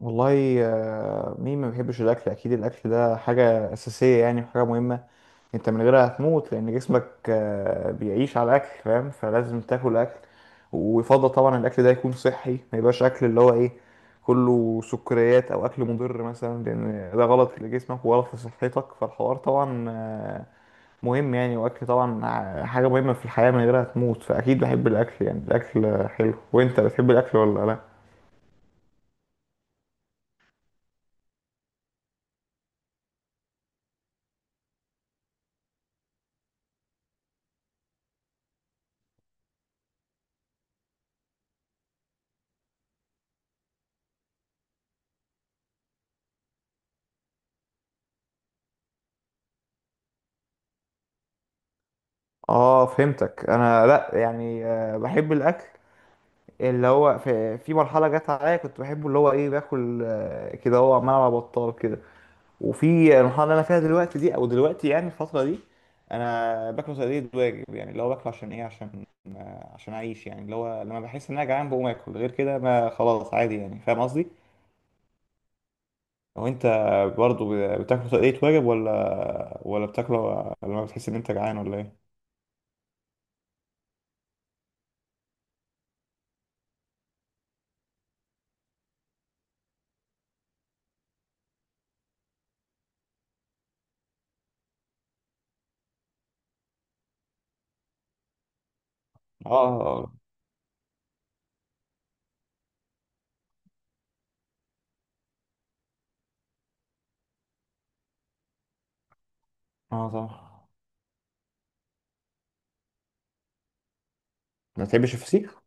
والله مين ما بيحبش الاكل؟ اكيد الاكل ده حاجه اساسيه يعني وحاجه مهمه. انت من غيرها هتموت لان جسمك بيعيش على الاكل، فاهم؟ فلازم تاكل اكل، ويفضل طبعا الاكل ده يكون صحي، ما يبقاش اكل اللي هو ايه، كله سكريات او اكل مضر مثلا، لان ده غلط لجسمك وغلط لصحتك. فالحوار طبعا مهم يعني، واكل طبعا حاجه مهمه في الحياه، من غيرها هتموت. فاكيد بحب الاكل يعني، الاكل حلو. وانت بتحب الاكل ولا لا؟ اه فهمتك. انا لا يعني، بحب الاكل اللي هو في مرحله جت عليا كنت بحبه، اللي هو ايه، باكل كده، هو عمال على بطال كده. وفي المرحله اللي انا فيها دلوقتي دي، او دلوقتي يعني الفتره دي، انا باكله تقليد واجب يعني، اللي هو باكله عشان ايه، عشان عشان اعيش يعني. اللي هو لما بحس ان انا جعان بقوم اكل، غير كده ما خلاص عادي يعني، فاهم قصدي؟ لو انت برضو بتاكله تقليد واجب، ولا بتاكله لما بتحس ان انت جعان، ولا ايه؟ اه، اه طبعا. ما تحبش الفسيخ؟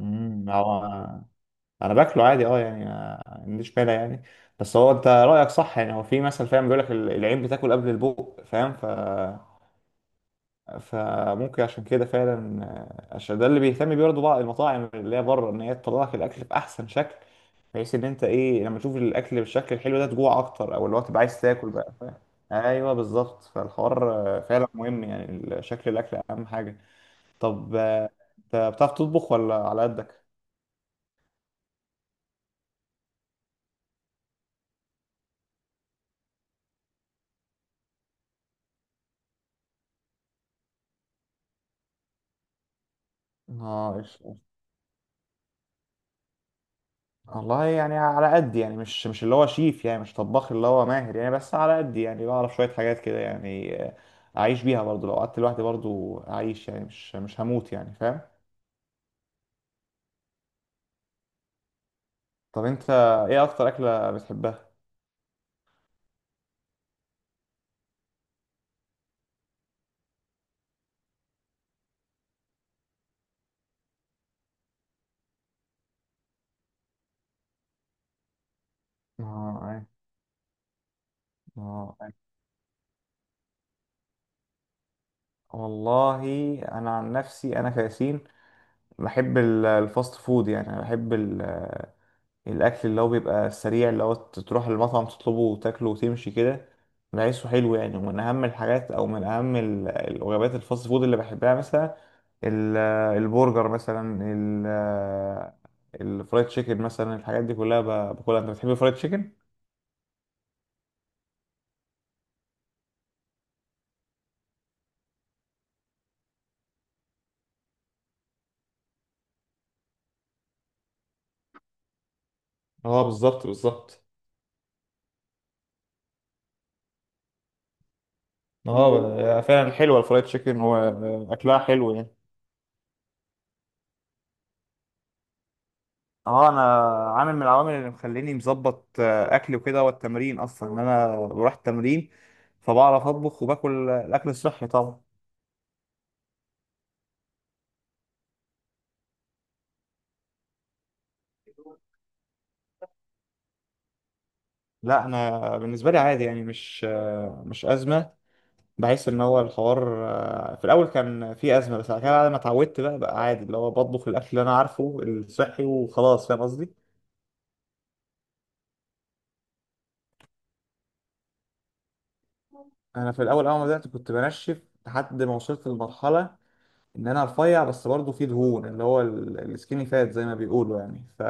امم، هو انا باكله عادي اه يعني، ما عنديش مانع يعني. بس هو انت رايك صح يعني، هو في مثل فاهم بيقول لك العين بتاكل قبل البوق، فاهم؟ ف فممكن عشان كده فعلا عشان ده اللي بيهتم بيه برضه بقى المطاعم اللي هي بره، ان هي تطلع لك الاكل باحسن شكل، بحيث ان انت ايه، لما تشوف الاكل بالشكل الحلو ده تجوع اكتر، او اللي هو تبقى عايز تاكل بقى، فاهم؟ ايوه بالظبط. فالحوار فعلا مهم يعني، شكل الاكل اهم حاجه. طب انت بتعرف تطبخ ولا على قدك؟ اه، والله يعني على قد يعني، مش مش اللي هو شيف يعني، مش طباخ اللي هو ماهر يعني، بس على قد يعني بعرف شوية حاجات كده يعني أعيش بيها برضو. لو قعدت لوحدي برضو أعيش يعني، مش هموت يعني، فاهم؟ طب أنت إيه أكتر أكلة بتحبها؟ آه أي- آه أي. والله، أنا عن نفسي أنا كياسين بحب الفاست فود يعني. أنا بحب الاكل اللي هو بيبقى سريع، اللي هو تروح المطعم تطلبه وتاكله وتمشي كده، بحسه حلو يعني. ومن اهم الحاجات، او من اهم الوجبات الفاست فود اللي بحبها، مثلا ال- البرجر مثلا، الفرايد تشيكن مثلا، الحاجات دي كلها باكلها. انت بتحب الفرايد تشيكن؟ اه بالظبط، بالظبط. هي اه فعلا، فعلا حلوه الفرايد تشيكن، واكلها حلو يعني. اه، انا عامل من العوامل اللي مخليني مظبط اكلي وكده هو التمرين، اصلا ان انا بروح التمرين، فبعرف اطبخ وباكل الاكل الصحي طبعا. لا انا بالنسبه لي عادي يعني، مش مش ازمه. بحس ان هو الحوار في الاول كان في ازمه، بس بعد كده، بعد ما اتعودت بقى، بقى عادي، اللي هو بطبخ الاكل اللي انا عارفه الصحي وخلاص، فاهم قصدي؟ انا في الاول، اول ما بدات كنت بنشف، لحد ما وصلت لمرحله ان انا رفيع، بس برضه في دهون، اللي هو السكيني فات زي ما بيقولوا يعني. ف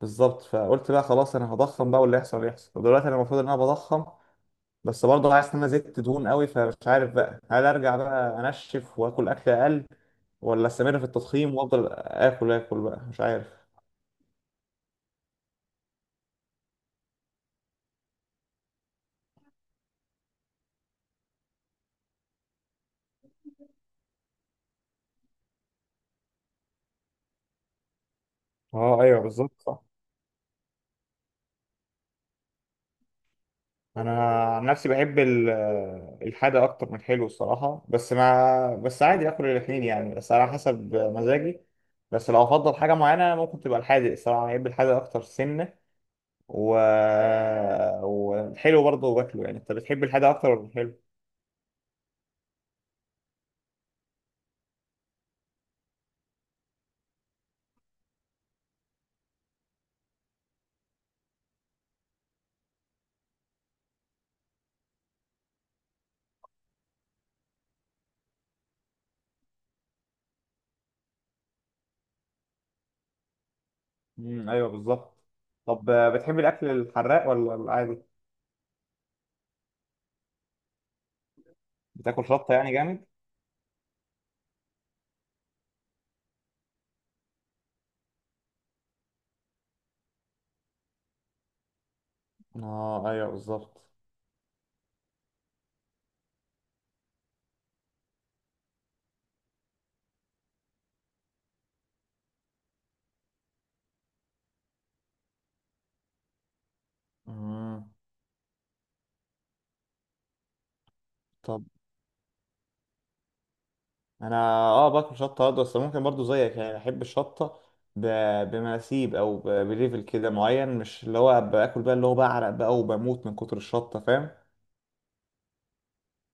بالظبط، فقلت بقى خلاص انا هضخم بقى، واللي يحصل يحصل. ودلوقتي انا المفروض ان انا بضخم، بس برضه عايز ان انا زدت دهون قوي، فمش عارف بقى هل ارجع بقى انشف واكل اكل اقل، ولا استمر في التضخيم وافضل اكل اكل بقى، مش عارف. اه ايوه بالظبط، صح. انا عن نفسي بحب الحادق اكتر من الحلو الصراحه، بس ما بس عادي اكل الاثنين يعني، بس على حسب مزاجي. بس لو افضل حاجه معينه ممكن تبقى الحادق الصراحه، بحب الحادق اكتر سنه، و... والحلو برضه باكله يعني. انت بتحب الحادق اكتر ولا الحلو؟ ايوه بالظبط. طب بتحب الاكل الحراق ولا العادي؟ بتاكل شطه يعني جامد؟ اه ايوه بالظبط. امم، طب انا اه باكل شطه برضه، بس ممكن برضه زيك يعني، احب الشطه ب... بمناسيب، او ب... بليفل كده معين، مش اللي هو باكل بقى اللي هو بعرق بقى وبموت من كتر الشطه، فاهم؟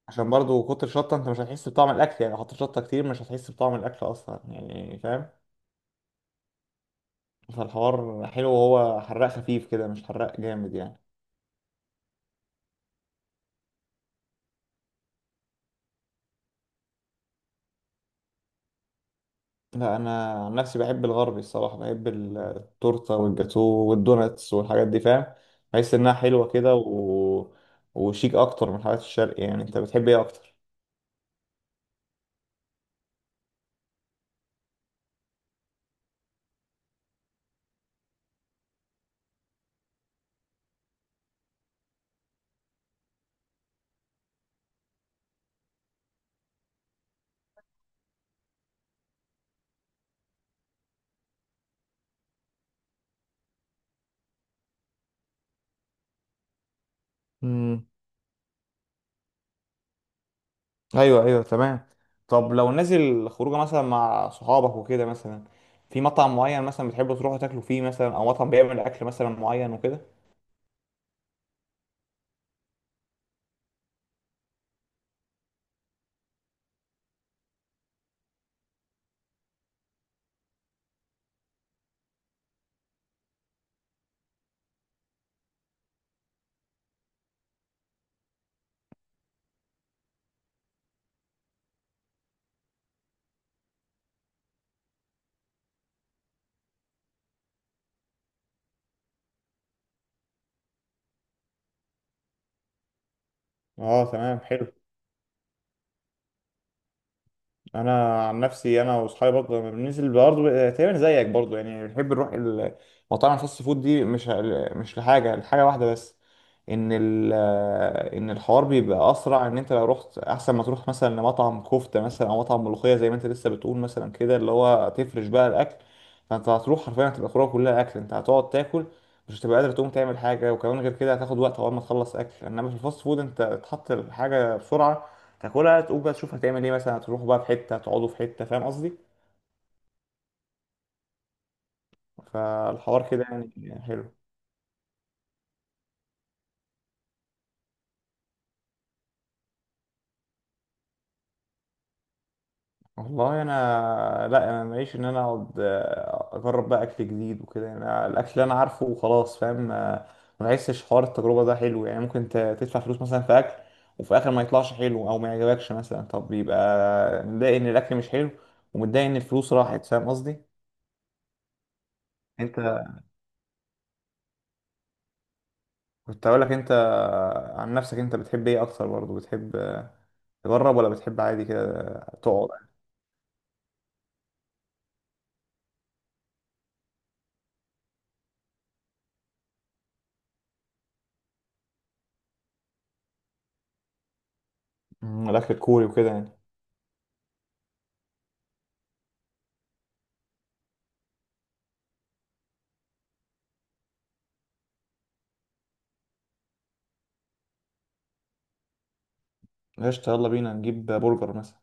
عشان برضه كتر الشطه انت مش هتحس بطعم الاكل يعني، لو حطيت شطه كتير مش هتحس بطعم الاكل اصلا يعني، فاهم؟ فالحوار حلو وهو حراق خفيف كده، مش حراق جامد يعني. لا انا عن نفسي بحب الغربي الصراحه، بحب التورته والجاتو والدوناتس والحاجات دي، فاهم؟ بحس انها حلوه كده و... وشيك اكتر من الحاجات الشرقي يعني. انت بتحب ايه اكتر؟ امم، ايوه ايوه تمام. طب لو نازل خروجه مثلا مع صحابك وكده، مثلا في مطعم معين مثلا بتحبوا تروحوا تاكلوا فيه، مثلا او مطعم بيعمل اكل مثلا معين وكده؟ اه تمام، حلو. انا عن نفسي انا واصحابي برضه لما بننزل برضه، تقريبا زيك برضه يعني، بنحب نروح مطاعم الفاست فود دي. مش مش لحاجه، واحده بس، ان ال ان الحوار بيبقى اسرع، ان انت لو رحت احسن ما تروح مثلا لمطعم كفته مثلا، او مطعم ملوخيه زي ما انت لسه بتقول مثلا كده، اللي هو تفرش بقى الاكل، فانت هتروح حرفيا هتبقى خروجه كلها اكل، انت هتقعد تاكل، مش هتبقى قادر تقوم تعمل حاجه، وكمان غير كده هتاخد وقت اول ما تخلص اكل. انما في الفاست فود انت تحط الحاجه بسرعه، تاكلها تقوم بقى تشوف هتعمل ايه، مثلا هتروحوا بقى في حته، هتقعدوا في حته، فاهم قصدي؟ فالحوار كده يعني حلو. والله انا لا، انا ماليش ان انا اقعد اجرب بقى اكل جديد وكده يعني، أنا الاكل اللي انا عارفه وخلاص، فاهم؟ ما بحسش حوار التجربه ده حلو يعني، ممكن تدفع فلوس مثلا في اكل وفي الاخر ما يطلعش حلو، او ما يعجبكش مثلا، طب يبقى متضايق ان الاكل مش حلو، ومتضايق ان الفلوس راحت، فاهم قصدي؟ انت كنت هقولك، انت عن نفسك انت بتحب ايه اكتر برضه، بتحب تجرب ولا بتحب عادي كده تقعد؟ مم، الاكل الكوري وكده يعني؟ قشطة، يلا بينا نجيب برجر مثلا.